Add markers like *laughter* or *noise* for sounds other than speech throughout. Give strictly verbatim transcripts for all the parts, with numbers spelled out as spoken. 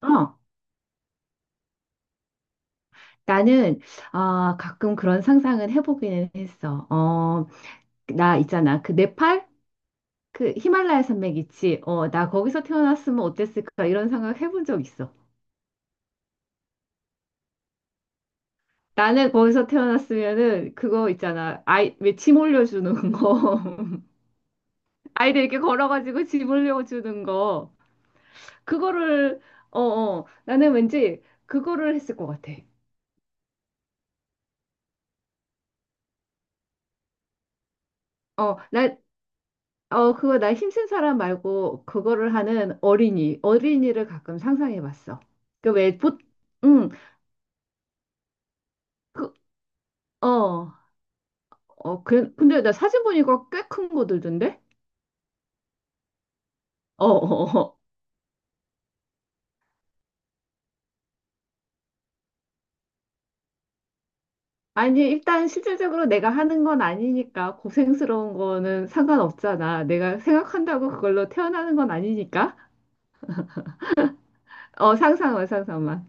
어, 나는 아 가끔 그런 상상은 해보기는 했어. 어, 나 있잖아. 그 네팔? 그 히말라야 산맥 있지? 어, 나 거기서 태어났으면 어땠을까? 이런 생각 해본 적 있어. 나는 거기서 태어났으면은 그거 있잖아. 아이, 왜 짐 올려주는 거. *laughs* 아이들 이렇게 걸어가지고 짐 올려주는 거. 그거를, 어, 어, 나는 왠지 그거를 했을 것 같아. 어, 나, 어, 그거 나 힘센 사람 말고 그거를 하는 어린이, 어린이를 가끔 상상해 봤어. 그 왜, 보, 응, 그, 어, 어, 그, 근데 나 사진 보니까 꽤 큰 거들던데? 어, 어, 어. 아니, 일단 실질적으로 내가 하는 건 아니니까 고생스러운 거는 상관없잖아. 내가 생각한다고 그걸로 태어나는 건 아니니까. 어, 상상만, 상상만.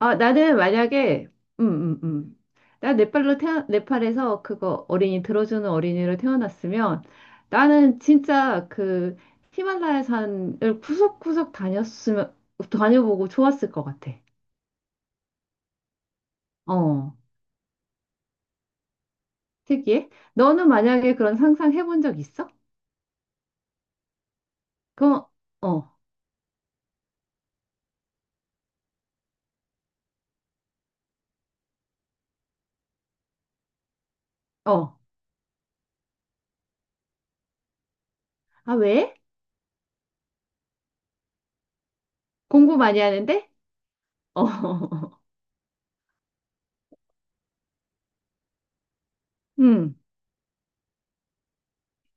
아, 나는 만약에, 음, 음, 음. 나 네팔로 태어, 네팔에서 그거 어린이 들어주는 어린이로 태어났으면 나는 진짜 그 히말라야 산을 구석구석 다녔으면, 다녀보고 좋았을 것 같아. 어, 특이해? 너는 만약에 그런 상상 해본 적 있어? 그럼, 어, 어. 아, 왜? 공부 많이 하는데? 어, *laughs* 음.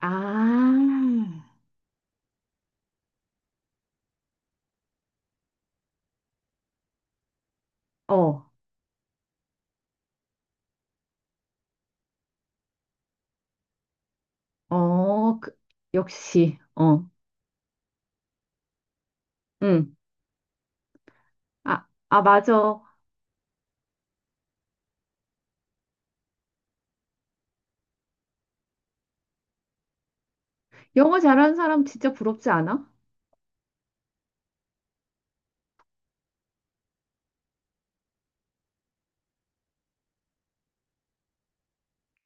아, 어, 어, 그, 역시, 어, 응. 아, 아, 맞아. 영어 잘하는 사람 진짜 부럽지 않아?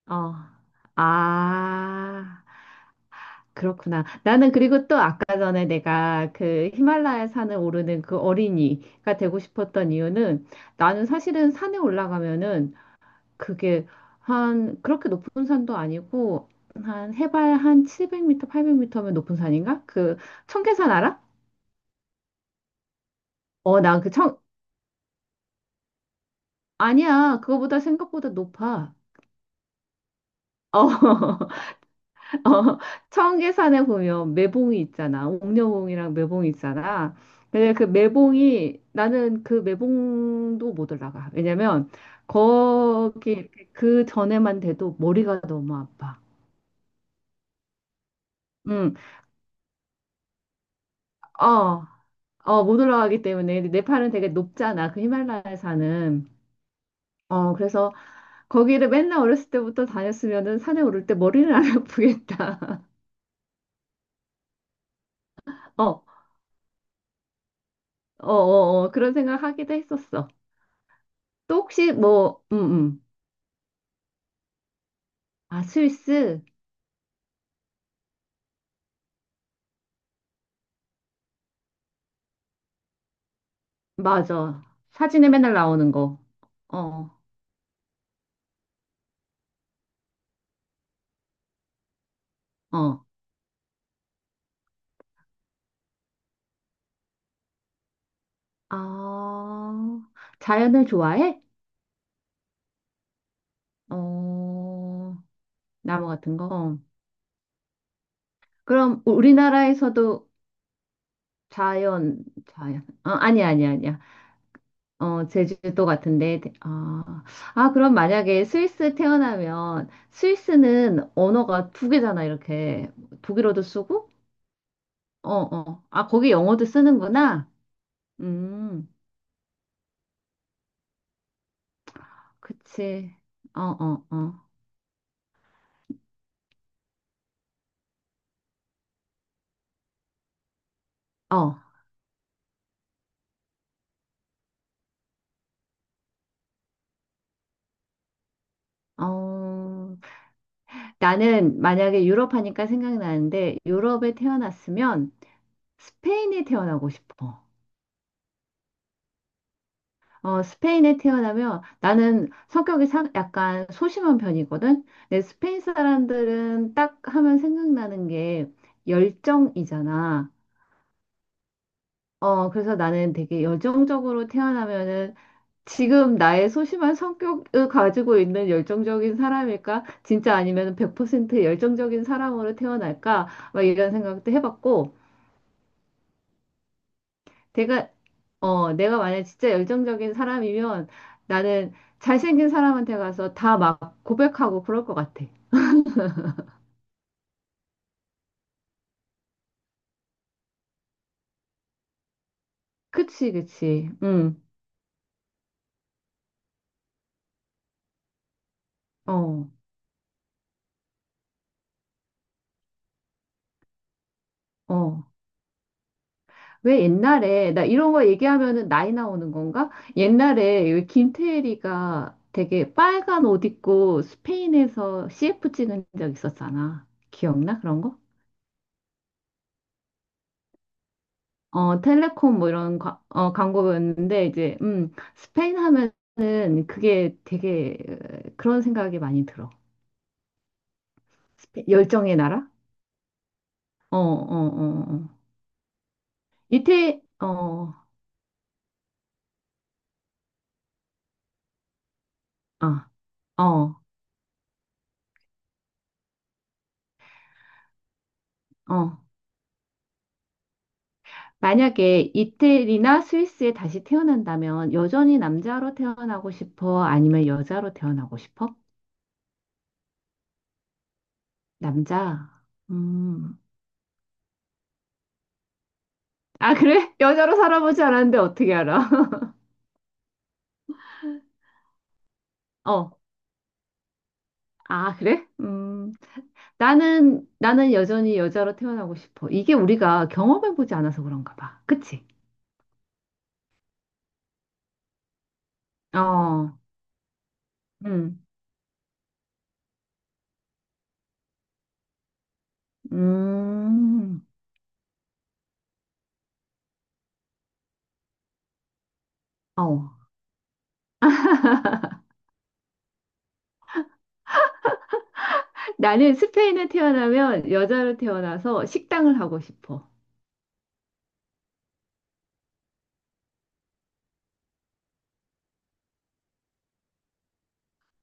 어. 아, 그렇구나. 나는 그리고 또 아까 전에 내가 그 히말라야 산을 오르는 그 어린이가 되고 싶었던 이유는 나는 사실은 산에 올라가면은 그게 한 그렇게 높은 산도 아니고 한 해발 한 칠백 미터, 팔백 미터면 높은 산인가? 그 청계산 알아? 어, 난 그 청, 아니야. 그거보다 생각보다 높아. 어. *laughs* *laughs* 어, 청계산에 보면 매봉이 있잖아. 옥녀봉이랑 매봉이 있잖아. 근데 그 매봉이 나는 그 매봉도 못 올라가. 왜냐면 거기 이렇게 그 전에만 돼도 머리가 너무 아파. 응, 어, 어, 못 올라가기 때문에 근데 네팔은 되게 높잖아. 그 히말라야 산은. 어, 그래서 거기를 맨날 어렸을 때부터 다녔으면은 산에 오를 때 머리는 안 아프겠다. *laughs* 어, 어, 어, 어, 그런 생각 하기도 했었어. 또 혹시 뭐, 음, 음. 아, 스위스? 맞아. 사진에 맨날 나오는 거. 어, 어. 아, 자연을 좋아해? 어, 나무 같은 거? 어. 그럼 우리나라에서도 자연, 자연. 어, 아니야, 아니야, 아니야. 어, 제주도 같은데. 대- 아, 아, 그럼 만약에 스위스 태어나면 스위스는 언어가 두 개잖아, 이렇게. 독일어도 쓰고? 어, 어. 아, 거기 영어도 쓰는구나. 음. 그치. 어, 어, 어. 어. 어, 나는 만약에 유럽 하니까 생각나는데 유럽에 태어났으면 스페인에 태어나고 싶어. 어, 스페인에 태어나면 나는 성격이 사- 약간 소심한 편이거든. 근데 스페인 사람들은 딱 하면 생각나는 게 열정이잖아. 어, 그래서 나는 되게 열정적으로 태어나면은 지금 나의 소심한 성격을 가지고 있는 열정적인 사람일까? 진짜 아니면 백 퍼센트 열정적인 사람으로 태어날까? 막 이런 생각도 해봤고, 내가, 어, 내가 만약 진짜 열정적인 사람이면 나는 잘생긴 사람한테 가서 다 막 고백하고 그럴 것 같아. 그치, 그치. 응, 어, 어. 왜 옛날에, 나 이런 거 얘기하면은 나이 나오는 건가? 옛날에 왜 김태리가 되게 빨간 옷 입고 스페인에서 씨에프 찍은 적 있었잖아. 기억나? 그런 거? 어, 텔레콤 뭐 이런 과- 어, 광고였는데, 이제, 음, 스페인 하면은 그게 되게 어, 그런 생각이 많이 들어. 스페- 열정의 나라? 어, 어, 어, 어. 이태, 어, 아, 어, 어. 만약에 이태리나 스위스에 다시 태어난다면 여전히 남자로 태어나고 싶어? 아니면 여자로 태어나고 싶어? 남자. 음. 아, 그래? 여자로 살아보지 않았는데 어떻게 알아? *laughs* 어. 아, 그래? 음. 나는 나는 여전히 여자로 태어나고 싶어. 이게 우리가 경험해보지 않아서 그런가 봐. 그치? 어. 음. 음. 어. 나는 스페인에 태어나면 여자로 태어나서 식당을 하고 싶어.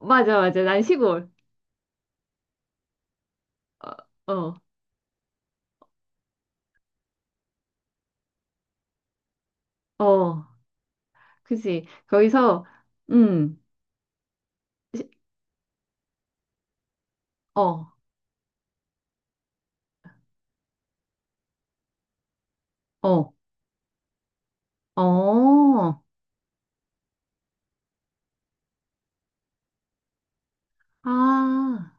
맞아, 맞아. 난 시골. 어, 어, 어, 그지. 거기서, 음, 시- 어, 어, 어, 아,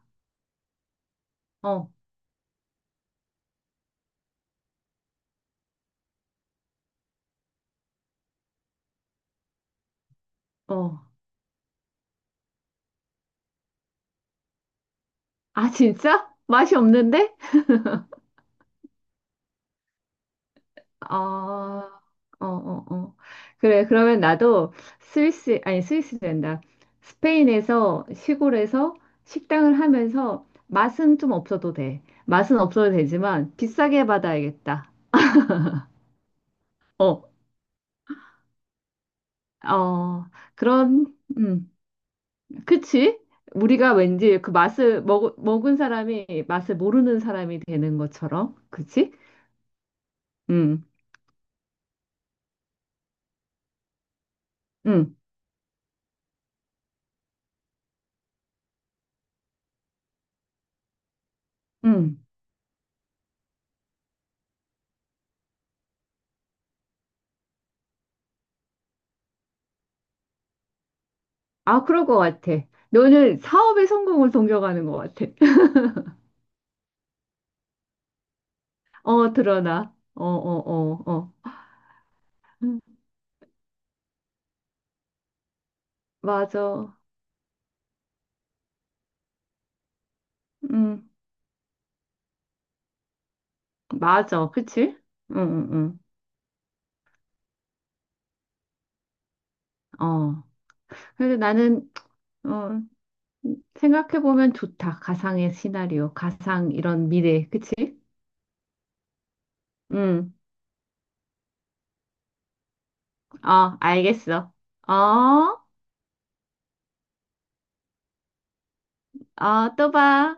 어, 어. 아, *laughs* 진짜? 맛이 없는데? 아, 어, 어, 어. 그래, 그러면 나도 스위스, 아니, 스위스 된다. 스페인에서, 시골에서 식당을 하면서 맛은 좀 없어도 돼. 맛은 없어도 되지만 비싸게 받아야겠다. 어, 어, 그런, 음. 그치? 우리가 왠지 그 맛을 먹, 먹은 사람이 맛을 모르는 사람이 되는 것처럼, 그치? 응, 응, 응. 아, 그럴 것 같아. 너는 사업의 성공을 동경하는 것 같아. *laughs* 어, 드러나. 어, 어, 어, 어. 음, 맞아. 응, 맞아. 그치? 응, 응, 응. 어. 그래서 나는, 어, 생각해보면 좋다. 가상의 시나리오, 가상 이런 미래. 그치? 응. 어, 알겠어. 어? 어, 또 봐.